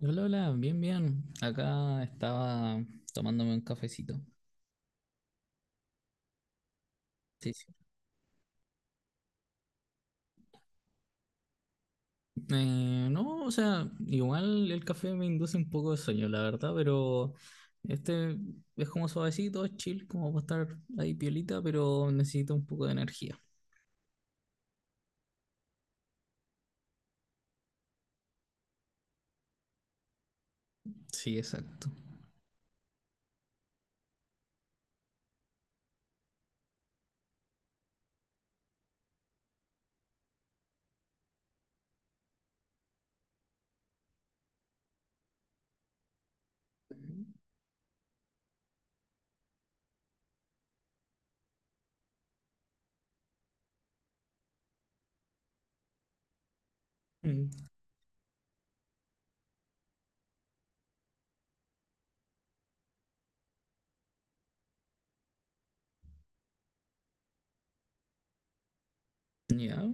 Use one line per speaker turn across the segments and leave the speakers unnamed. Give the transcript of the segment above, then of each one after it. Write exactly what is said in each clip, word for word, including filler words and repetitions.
Hola, hola, bien, bien. Acá estaba tomándome un cafecito. Sí, sí. Eh, no, o sea, igual el café me induce un poco de sueño, la verdad, pero este es como suavecito, es chill, como para estar ahí piolita, pero necesito un poco de energía. Sí, exacto. Mm. Ya.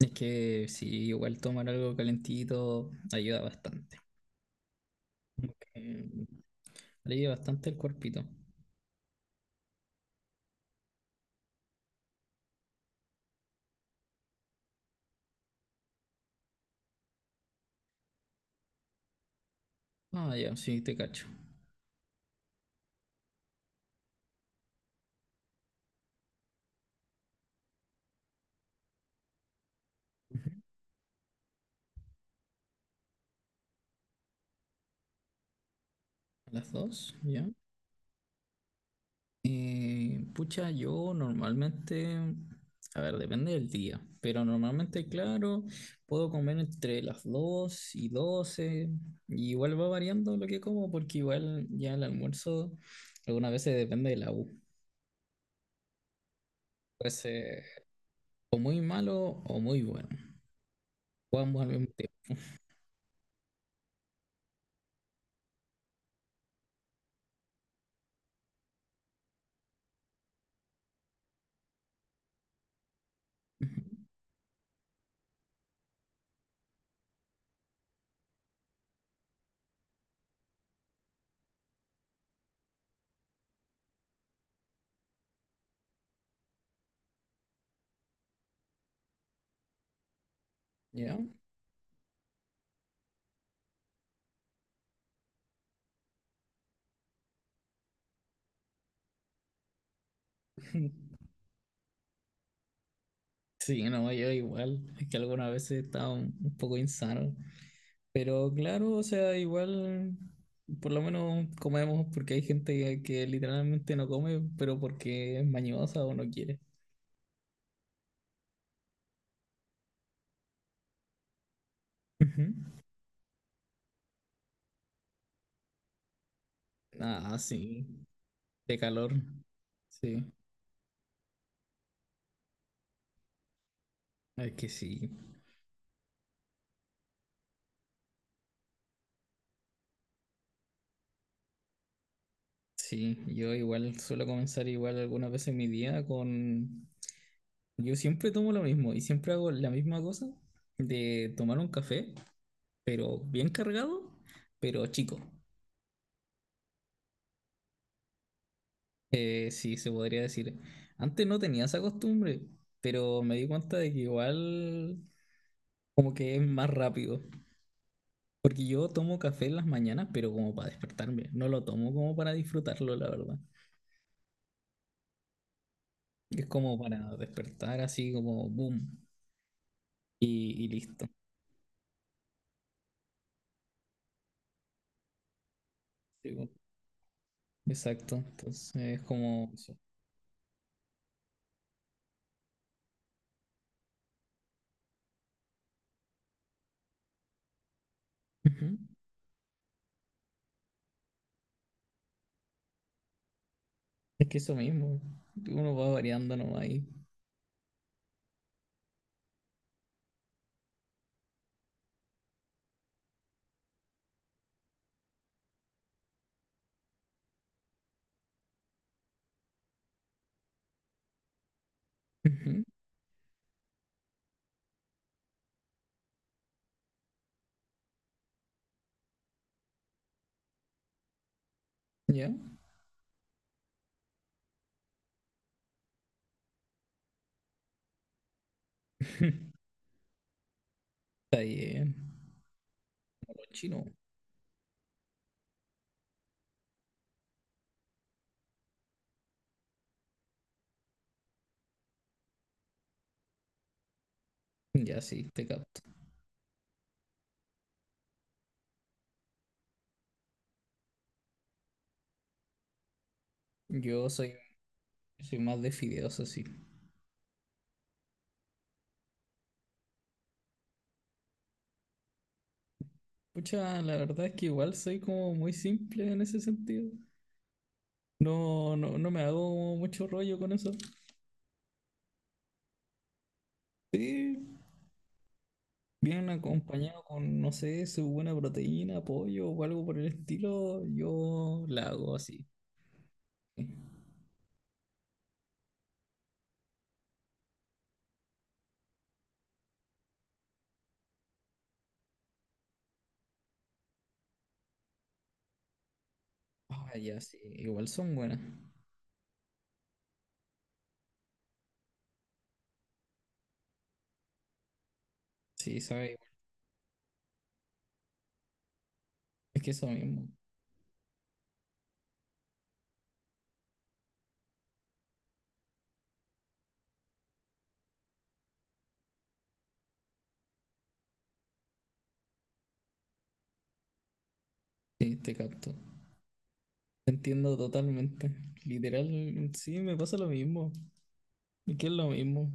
Es que sí, igual tomar algo calentito ayuda bastante. Eh, Alivia bastante el cuerpito. Ah, ya, sí, te cacho. Ujú. A las dos, ya. Eh, pucha, yo normalmente, a ver, depende del día, pero normalmente, claro, puedo comer entre las dos y doce, y igual va variando lo que como, porque igual ya el almuerzo algunas veces depende de la U. Pues eh, o muy malo o muy bueno, o ambos al mismo tiempo. Ujú. ¿Ya? Sí, no, yo igual, es que algunas veces estaba un un poco insano. Pero claro, o sea, igual, por lo menos comemos porque hay gente que, que literalmente no come, pero porque es mañosa o no quiere. Ujú. Ah, sí, de calor, sí, es que sí. Sí, yo igual suelo comenzar igual algunas veces mi día con… Yo siempre tomo lo mismo y siempre hago la misma cosa de tomar un café, pero bien cargado, pero chico. Eh, sí, se podría decir. Antes no tenía esa costumbre, pero me di cuenta de que igual como que es más rápido. Porque yo tomo café en las mañanas, pero como para despertarme. No lo tomo como para disfrutarlo, la verdad. Es como para despertar así como boom y, y listo. Digo, exacto. Entonces es como eso. Ujú. Es que eso mismo. Uno va variando nomás ahí. Ujú. ¿Ya? Está bien. Chino. Ya, sí, te capto. Yo soy Soy más de fideos así. Pucha, la verdad es que igual soy como muy simple en ese sentido. No, no, no me hago mucho rollo con eso. Sí, bien acompañado con, no sé, su buena proteína, pollo o algo por el estilo, yo la hago así. Ah, ya, sí, igual son buenas. Sí, sabe, es que eso mismo. Sí, te capto. Te entiendo totalmente. Literal, sí, me pasa lo mismo. ¿Y qué es lo mismo?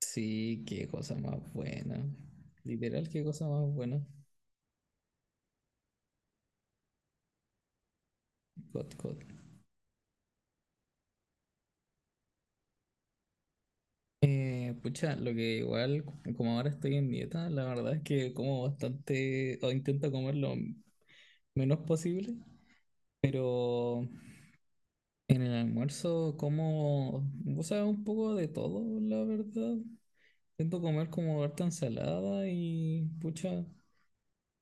Sí, qué cosa más buena. Literal, qué cosa más buena. God, God. Eh, pucha, lo que igual, como ahora estoy en dieta, la verdad es que como bastante, o intento comer lo menos posible, pero en el almuerzo como, o sea, un poco de todo, la verdad. Intento comer como harta ensalada y, pucha,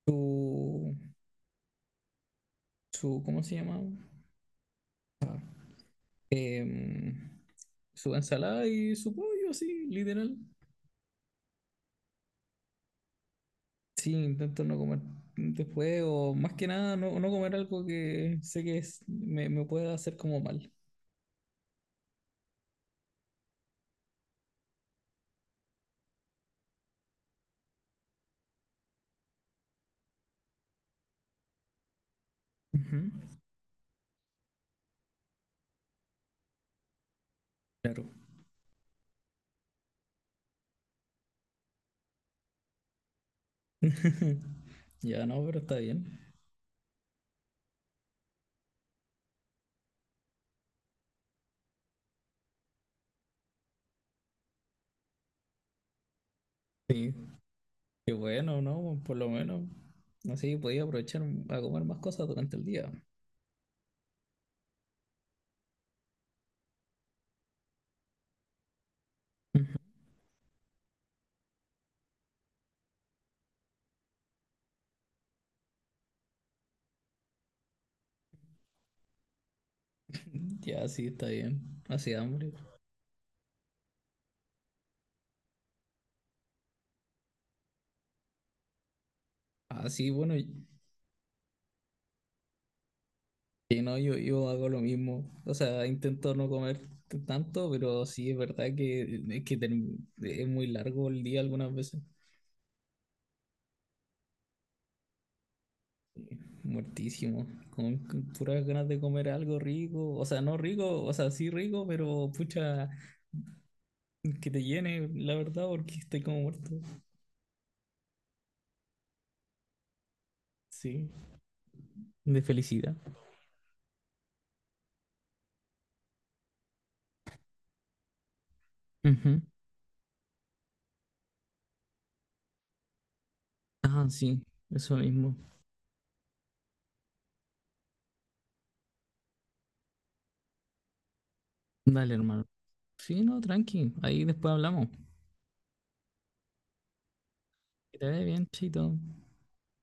su, su, ¿cómo se llama? Em, Su ensalada y su pollo, así, literal. Sí, intento no comer después o más que nada no, no comer algo que sé que es- me, me pueda hacer como mal. Ujú. Claro. Ya no, pero está bien. Sí, qué bueno, ¿no? Por lo menos así podía aprovechar a comer más cosas durante el día. Ujú. Ya, sí, está bien. Así hambre. Ah, sí, bueno, y- sí, no, yo, yo hago lo mismo. O sea, intento no comer t- tanto, pero sí es verdad que, es que term- es muy largo el día algunas veces. Muertísimo, con, con puras ganas de comer algo rico, o sea, no rico, o sea, sí rico, pero pucha, que te llene, la verdad, porque estoy como muerto. Sí, de felicidad. Ujú. Ah, sí, eso mismo. Dale, hermano. Sí, no, tranqui, ahí después hablamos. Que te vaya bien, chito.